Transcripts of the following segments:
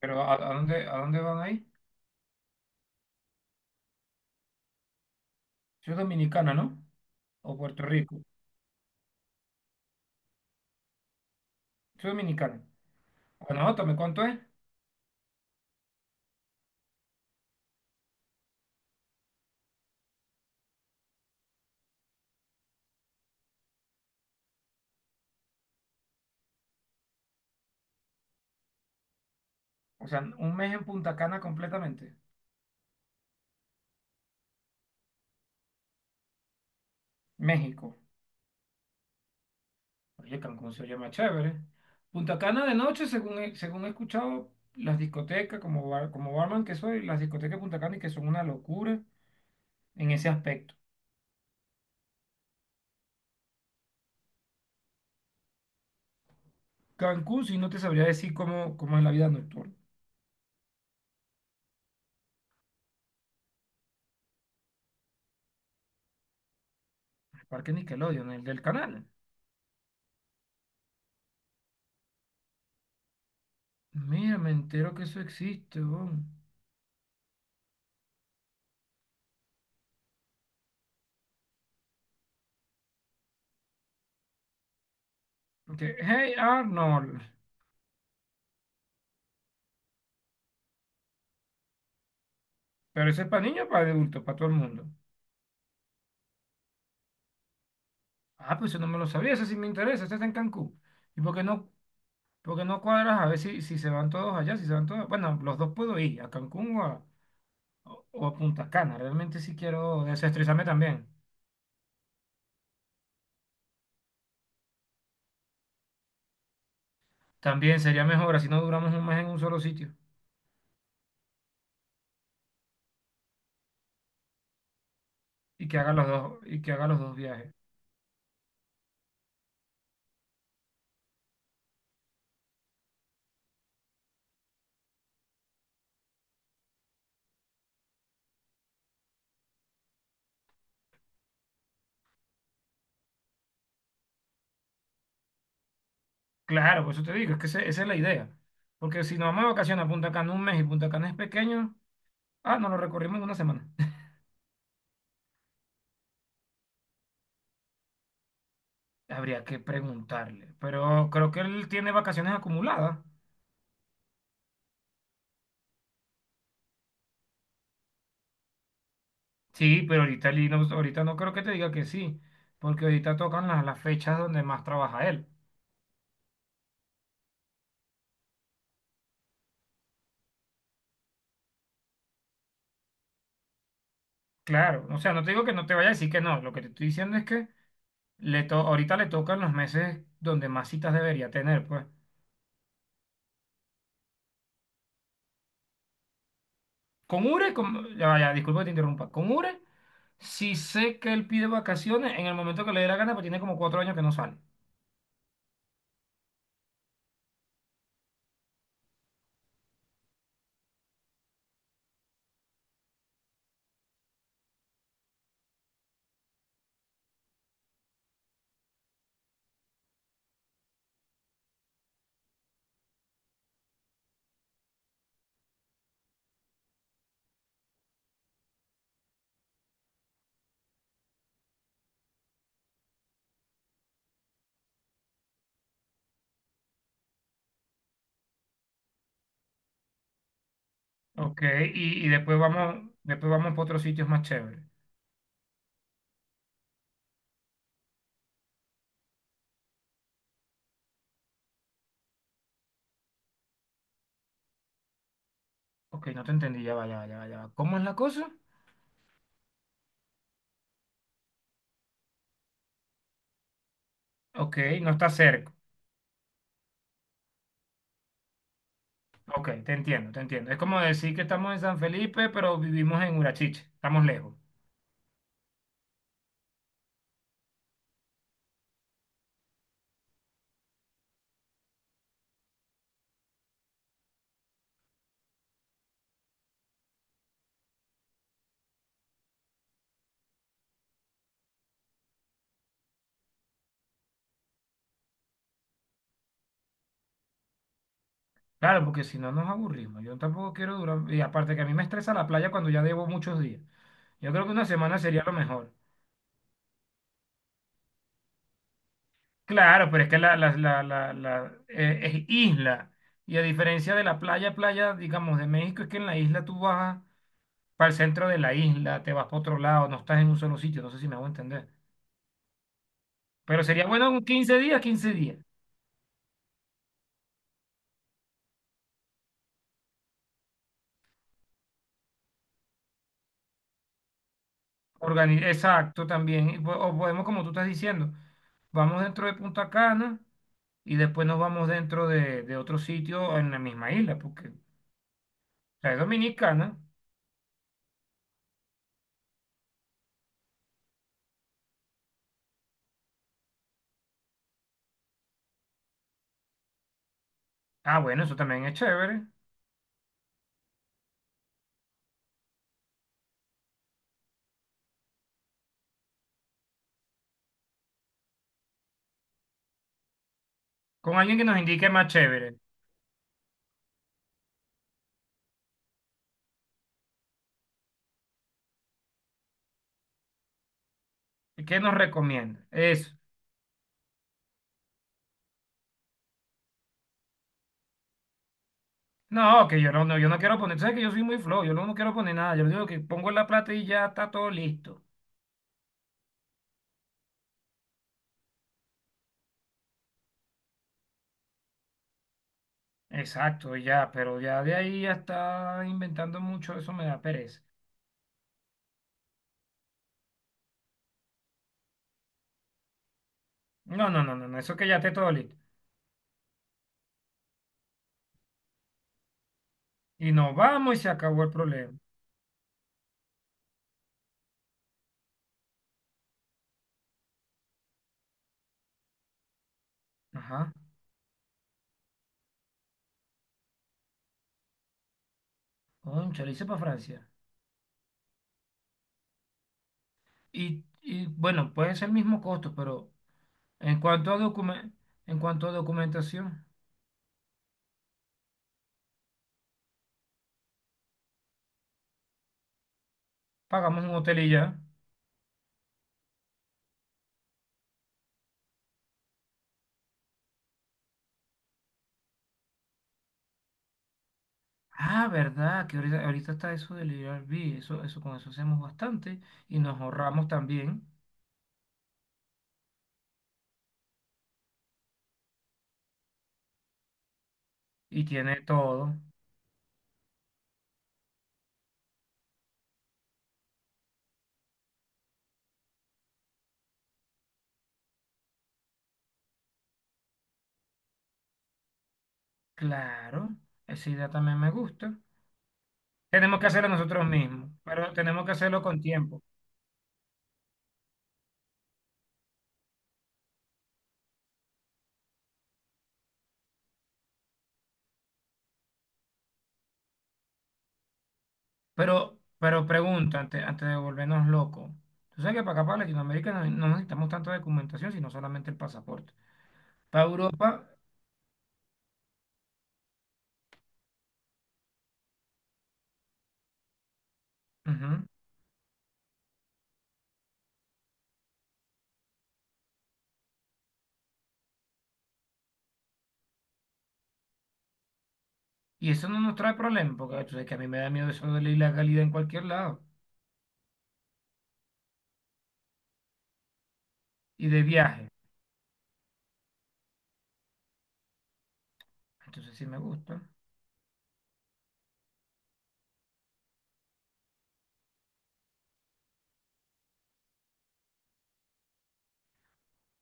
Pero ¿a dónde van ahí? Soy dominicana, ¿no? O Puerto Rico. Soy dominicana. Bueno, ótame, ¿cuánto es? O sea, un mes en Punta Cana completamente. México. Oye, Cancún se oye más chévere. Punta Cana de noche, según he escuchado, las discotecas, como barman que soy, las discotecas de Punta Cana y que son una locura en ese aspecto. Cancún, si no te sabría decir cómo es la vida nocturna. El parque Nickelodeon, el del canal. Mira, me entero que eso existe, weón. Hey Arnold. Pero ese es para niños, para adultos, para todo el mundo. Ah, pues eso no me lo sabía, ese sí me interesa, ese está en Cancún. ¿Y por qué no cuadras a ver si, si se van todos allá, si se van todos? Bueno, los dos puedo ir, a Cancún o a Punta Cana. Realmente sí quiero desestresarme también. También sería mejor, así no duramos un mes en un solo sitio y que haga los dos, y que haga los dos viajes. Claro, por eso te digo, es que esa es la idea. Porque si nos vamos de vacaciones a Punta Cana un mes y Punta Cana es pequeño, ah, nos lo recorrimos en una semana. Habría que preguntarle, pero creo que él tiene vacaciones acumuladas. Sí, pero ahorita, él no, ahorita no creo que te diga que sí, porque ahorita tocan las fechas donde más trabaja él. Claro, o sea, no te digo que no te vaya a decir que no, lo que te estoy diciendo es que ahorita le tocan los meses donde más citas debería tener, pues. Con Ure, ya vaya, disculpa que te interrumpa, con Ure, sí sé que él pide vacaciones en el momento que le dé la gana, pero tiene como 4 años que no sale. Ok, y después vamos para otros sitios más chéveres. Ok, no te entendí, ya va, ya va, ya va, ya va. ¿Cómo es la cosa? Ok, no está cerca. Ok, te entiendo, te entiendo. Es como decir que estamos en San Felipe, pero vivimos en Urachiche, estamos lejos. Claro, porque si no nos aburrimos. Yo tampoco quiero durar. Y aparte que a mí me estresa la playa cuando ya debo muchos días. Yo creo que una semana sería lo mejor. Claro, pero es que es isla. Y a diferencia de la playa, playa, digamos, de México, es que en la isla tú vas para el centro de la isla, te vas para otro lado, no estás en un solo sitio. No sé si me hago entender. Pero sería bueno un quince días. Exacto, también. Y o podemos, como tú estás diciendo, vamos dentro de Punta Cana y después nos vamos dentro de otro sitio en la misma isla, porque la es dominicana. Ah, bueno, eso también es chévere. Con alguien que nos indique más chévere. ¿Qué nos recomienda? Eso. No, que yo no quiero poner, tú sabes que yo soy muy flojo, yo no quiero poner nada, yo digo que pongo la plata y ya está todo listo. Exacto, y ya, pero ya de ahí ya está inventando mucho, eso me da pereza. No, no, no, no, no, eso que ya esté todo listo. Y nos vamos y se acabó el problema. Ajá. Cónchale, hice para Francia. Y bueno, puede ser el mismo costo, pero en cuanto a documen- en cuanto a documentación, pagamos un hotel y ya. Ah, verdad, que ahorita está eso del Airbnb, eso con eso hacemos bastante y nos ahorramos también. Y tiene todo. Claro, esa idea también me gusta. Tenemos que hacerlo nosotros mismos, pero tenemos que hacerlo con tiempo. Pero pregunta, antes de volvernos locos. Tú sabes que para acá, para Latinoamérica, no necesitamos tanta documentación, sino solamente el pasaporte. Para Europa, ujú. Y eso no nos trae problema, porque tú sabes que a mí me da miedo eso de la ilegalidad en cualquier lado. Y de viaje. Entonces sí me gusta.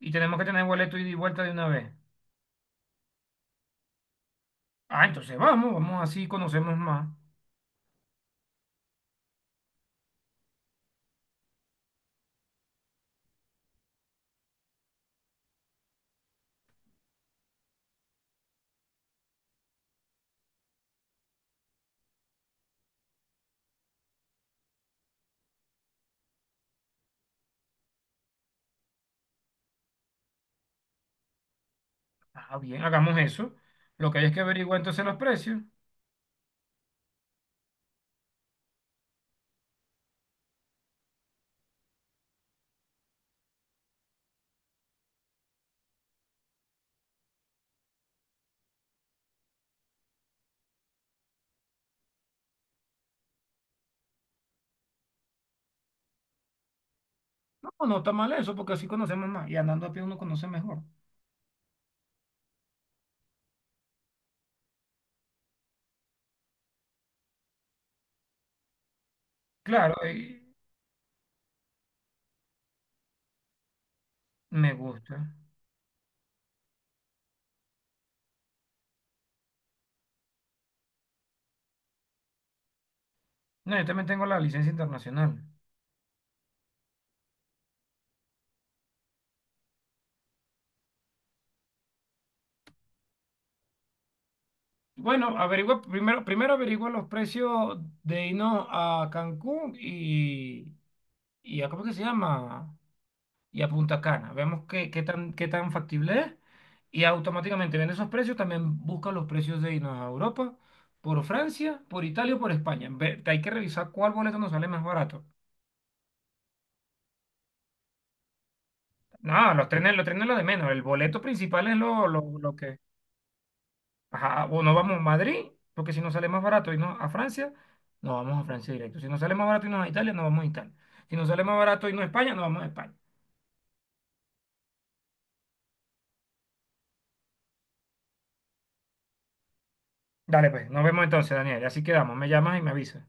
Y tenemos que tener boleto ida y vuelta de una vez. Ah, entonces vamos así, conocemos más. Ah, bien, hagamos eso. Lo que hay es que averiguar entonces los precios. No, no está mal eso, porque así conocemos más. Y andando a pie uno conoce mejor. Claro, y me gusta. No, yo también tengo la licencia internacional. Bueno, averigua, primero averigua los precios de irnos a Cancún y a, ¿cómo es que se llama? Y a Punta Cana. Vemos qué tan factible es. Y automáticamente viendo esos precios, también busca los precios de irnos a Europa, por Francia, por Italia o por España. Hay que revisar cuál boleto nos sale más barato. No, los trenes lo de menos. El boleto principal es lo que... Ajá, o nos vamos a Madrid, porque si nos sale más barato irnos a Francia, nos vamos a Francia directo. Si nos sale más barato irnos a Italia, nos vamos a Italia. Si nos sale más barato irnos a España, nos vamos a España. Dale, pues, nos vemos entonces, Daniel. Así quedamos. Me llamas y me avisas.